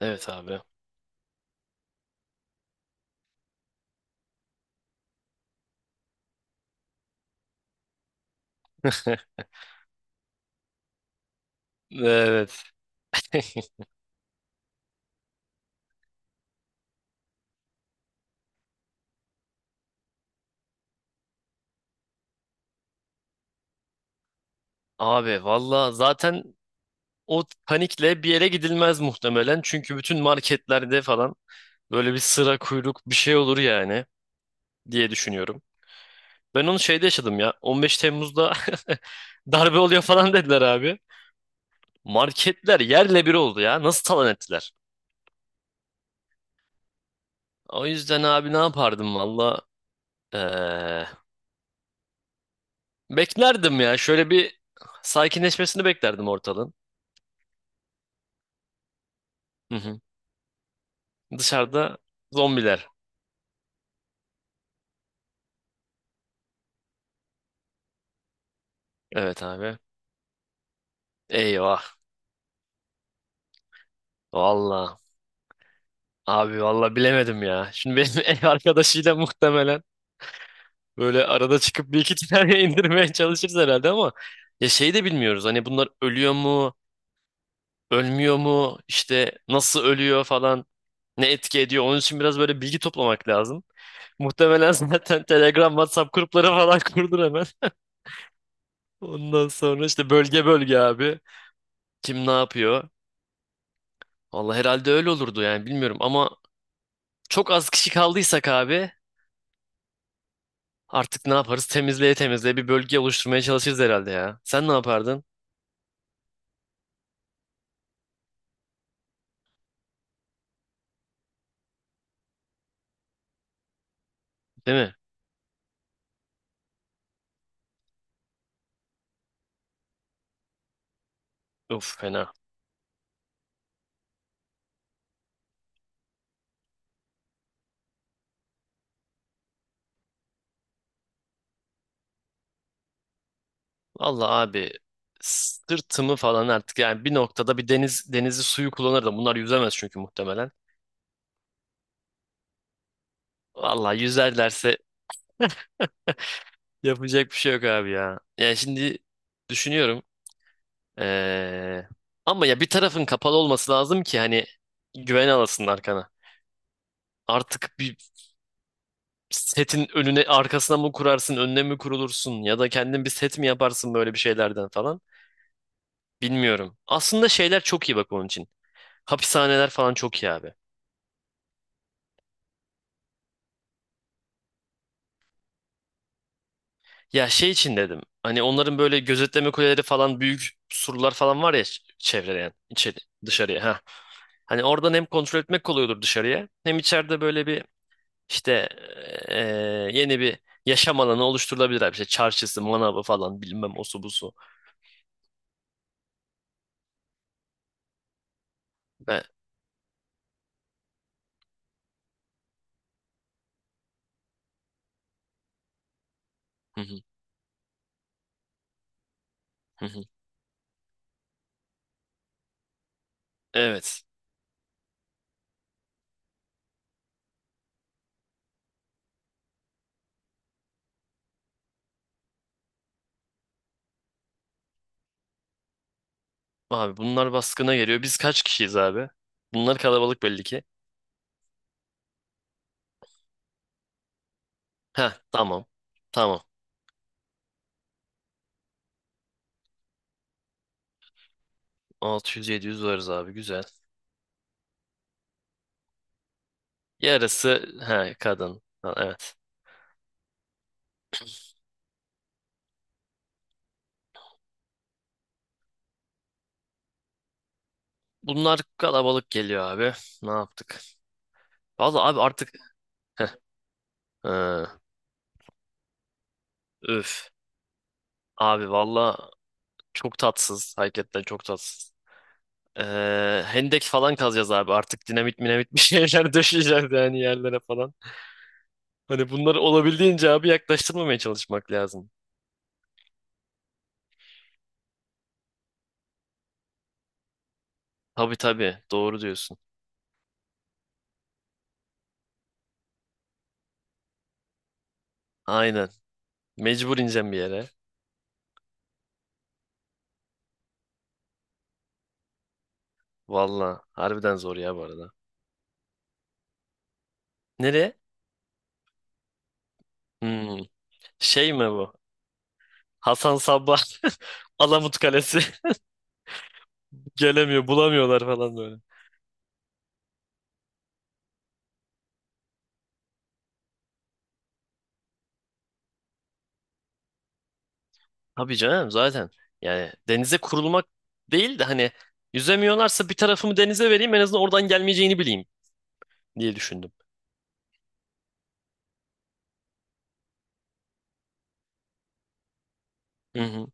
Evet abi. Evet. Abi valla zaten o panikle bir yere gidilmez muhtemelen. Çünkü bütün marketlerde falan böyle bir sıra kuyruk bir şey olur yani diye düşünüyorum. Ben onu şeyde yaşadım ya. 15 Temmuz'da darbe oluyor falan dediler abi. Marketler yerle bir oldu ya. Nasıl talan ettiler? O yüzden abi ne yapardım valla? Ee, Beklerdim ya. Şöyle bir sakinleşmesini beklerdim ortalığın. Hı hı. Dışarıda zombiler. Evet abi. Eyvah. Valla. Abi valla bilemedim ya. Şimdi benim ev arkadaşıyla muhtemelen böyle arada çıkıp bir iki tane indirmeye çalışırız herhalde ama ya şey de bilmiyoruz. Hani bunlar ölüyor mu? Ölmüyor mu? İşte nasıl ölüyor falan. Ne etki ediyor? Onun için biraz böyle bilgi toplamak lazım. Muhtemelen zaten Telegram, WhatsApp grupları falan kurdur hemen. Ondan sonra işte bölge bölge abi. Kim ne yapıyor? Valla herhalde öyle olurdu yani bilmiyorum ama çok az kişi kaldıysak abi, artık ne yaparız? Temizleye temizleye bir bölge oluşturmaya çalışırız herhalde ya. Sen ne yapardın? Değil mi? Of fena. Vallahi abi sırtımı falan artık yani bir noktada bir denizi suyu kullanırdım. Bunlar yüzemez çünkü muhtemelen. Vallahi yüzerlerse yapacak bir şey yok abi ya. Yani şimdi düşünüyorum. Ee, Ama ya bir tarafın kapalı olması lazım ki hani güven alasın arkana. Artık bir setin önüne arkasına mı kurarsın, önüne mi kurulursun ya da kendin bir set mi yaparsın böyle bir şeylerden falan. Bilmiyorum. Aslında şeyler çok iyi bak onun için. Hapishaneler falan çok iyi abi. Ya şey için dedim. Hani onların böyle gözetleme kuleleri falan büyük surlar falan var ya çevreleyen içeri dışarıya ha. Hani oradan hem kontrol etmek kolay olur dışarıya hem içeride böyle bir işte yeni bir yaşam alanı oluşturulabilir abi. İşte çarşısı, manavı falan bilmem osu busu. Ve... Hı hı, hı hı. Evet. Abi bunlar baskına geliyor. Biz kaç kişiyiz abi? Bunlar kalabalık belli ki. Ha tamam. Tamam. 600-700 varız abi güzel. Yarısı he kadın. Ha, evet. Bunlar kalabalık geliyor abi. Ne yaptık? Valla abi artık heh, ee, üf. Abi valla çok tatsız. Hakikaten çok tatsız. Hendek falan kazacağız abi. Artık dinamit minamit bir şeyler döşeyeceğiz yani yerlere falan. Hani bunları olabildiğince abi yaklaştırmamaya çalışmak lazım. Tabii tabii doğru diyorsun. Aynen. Mecbur ineceğim bir yere. Valla harbiden zor ya bu arada. Nereye? Hmm. Şey mi bu? Hasan Sabbah Alamut Kalesi gelemiyor, bulamıyorlar falan böyle. Tabii canım zaten. Yani denize kurulmak değil de hani yüzemiyorlarsa bir tarafımı denize vereyim en azından oradan gelmeyeceğini bileyim diye düşündüm. Hı hı,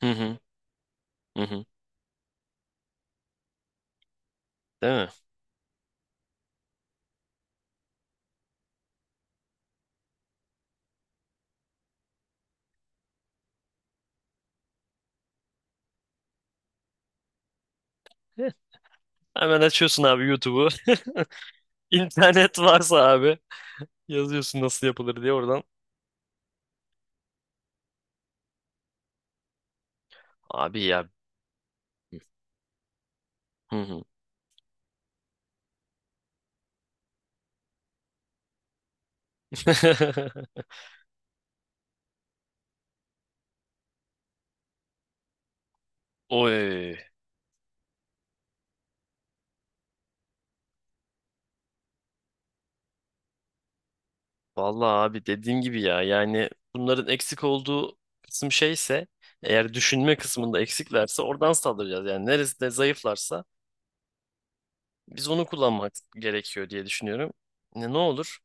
hı hı, hı. Hı. Değil mi? Heh. Hemen açıyorsun abi YouTube'u. İnternet varsa abi yazıyorsun nasıl yapılır diye oradan. Abi ya. Hı hı. Oy. Vallahi abi dediğim gibi ya yani bunların eksik olduğu kısım şeyse eğer düşünme kısmında eksiklerse oradan saldıracağız. Yani neresinde zayıflarsa biz onu kullanmak gerekiyor diye düşünüyorum. Ne olur?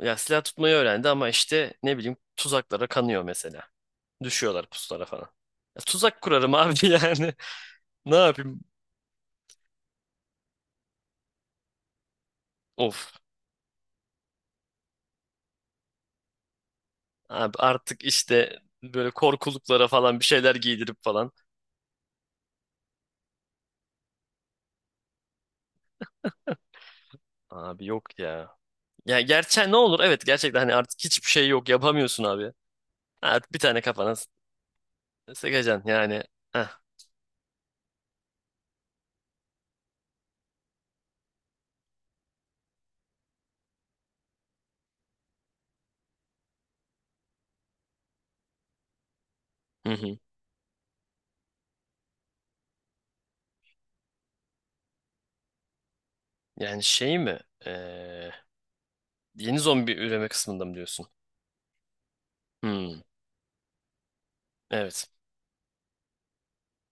Ya silah tutmayı öğrendi ama işte ne bileyim tuzaklara kanıyor mesela. Düşüyorlar pusulara falan. Ya tuzak kurarım abi yani. Ne yapayım? Of. Abi artık işte böyle korkuluklara falan bir şeyler giydirip falan. Abi yok ya. Ya gerçek ne olur? Evet gerçekten hani artık hiçbir şey yok yapamıyorsun abi. Artık bir tane kafana sıkacaksın yani. Heh. Hı hı. Yani şey mi? Ee, Yeni zombi üreme kısmında mı diyorsun? Hmm, evet.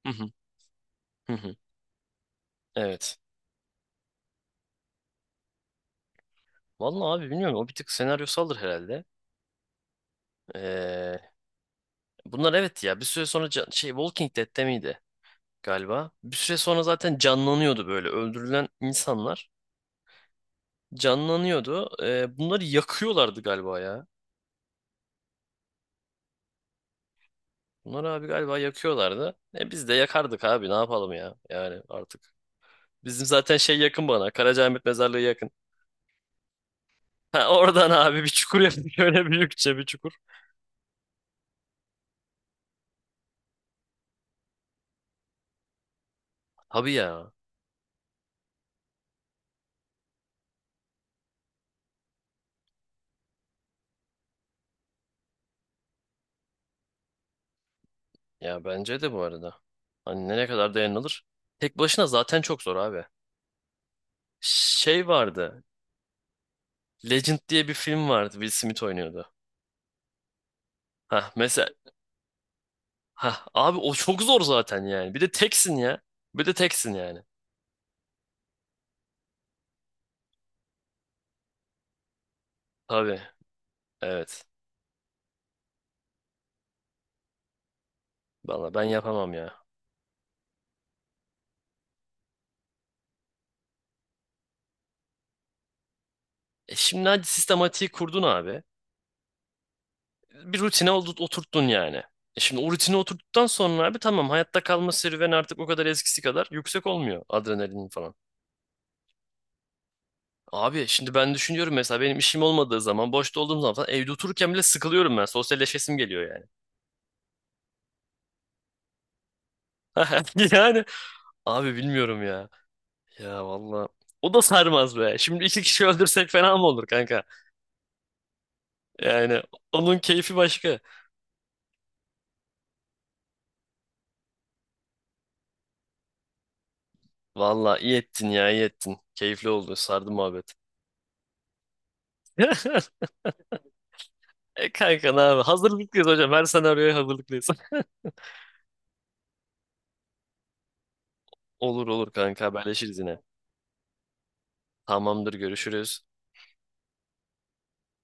Hı hı. Hı hı. Evet. Vallahi abi bilmiyorum o bir tık senaryosaldır herhalde. Ee, Bunlar evet ya bir süre sonra şey Walking Dead'te miydi galiba? Bir süre sonra zaten canlanıyordu böyle öldürülen insanlar. Canlanıyordu. Bunları yakıyorlardı galiba ya. Bunları abi galiba yakıyorlardı. E biz de yakardık abi ne yapalım ya. Yani artık. Bizim zaten şey yakın bana. Karacaahmet mezarlığı yakın. Ha, oradan abi bir çukur yaptık. Öyle büyükçe bir çukur. Abi ya. Ya bence de bu arada. Hani ne kadar dayanılır? Tek başına zaten çok zor abi. Şey vardı. Legend diye bir film vardı. Will Smith oynuyordu. Ha mesela. Ha abi o çok zor zaten yani. Bir de teksin ya. Bir de teksin yani. Tabii. Evet. Valla ben yapamam ya. E şimdi hadi sistematiği kurdun abi. Bir rutine oturttun yani. E şimdi o rutine oturttuktan sonra abi tamam hayatta kalma serüveni artık o kadar eskisi kadar yüksek olmuyor adrenalin falan. Abi şimdi ben düşünüyorum mesela benim işim olmadığı zaman boşta olduğum zaman falan evde otururken bile sıkılıyorum ben. Sosyalleşesim geliyor yani. Yani abi bilmiyorum ya. Ya valla. O da sarmaz be. Şimdi iki kişi öldürsek fena mı olur kanka? Yani onun keyfi başka. Valla iyi ettin ya iyi ettin. Keyifli oldu. Sardı muhabbet. E kanka ne abi? Hazırlıklıyız hocam. Her senaryoya hazırlıklıyız. Olur olur kanka haberleşiriz yine. Tamamdır görüşürüz.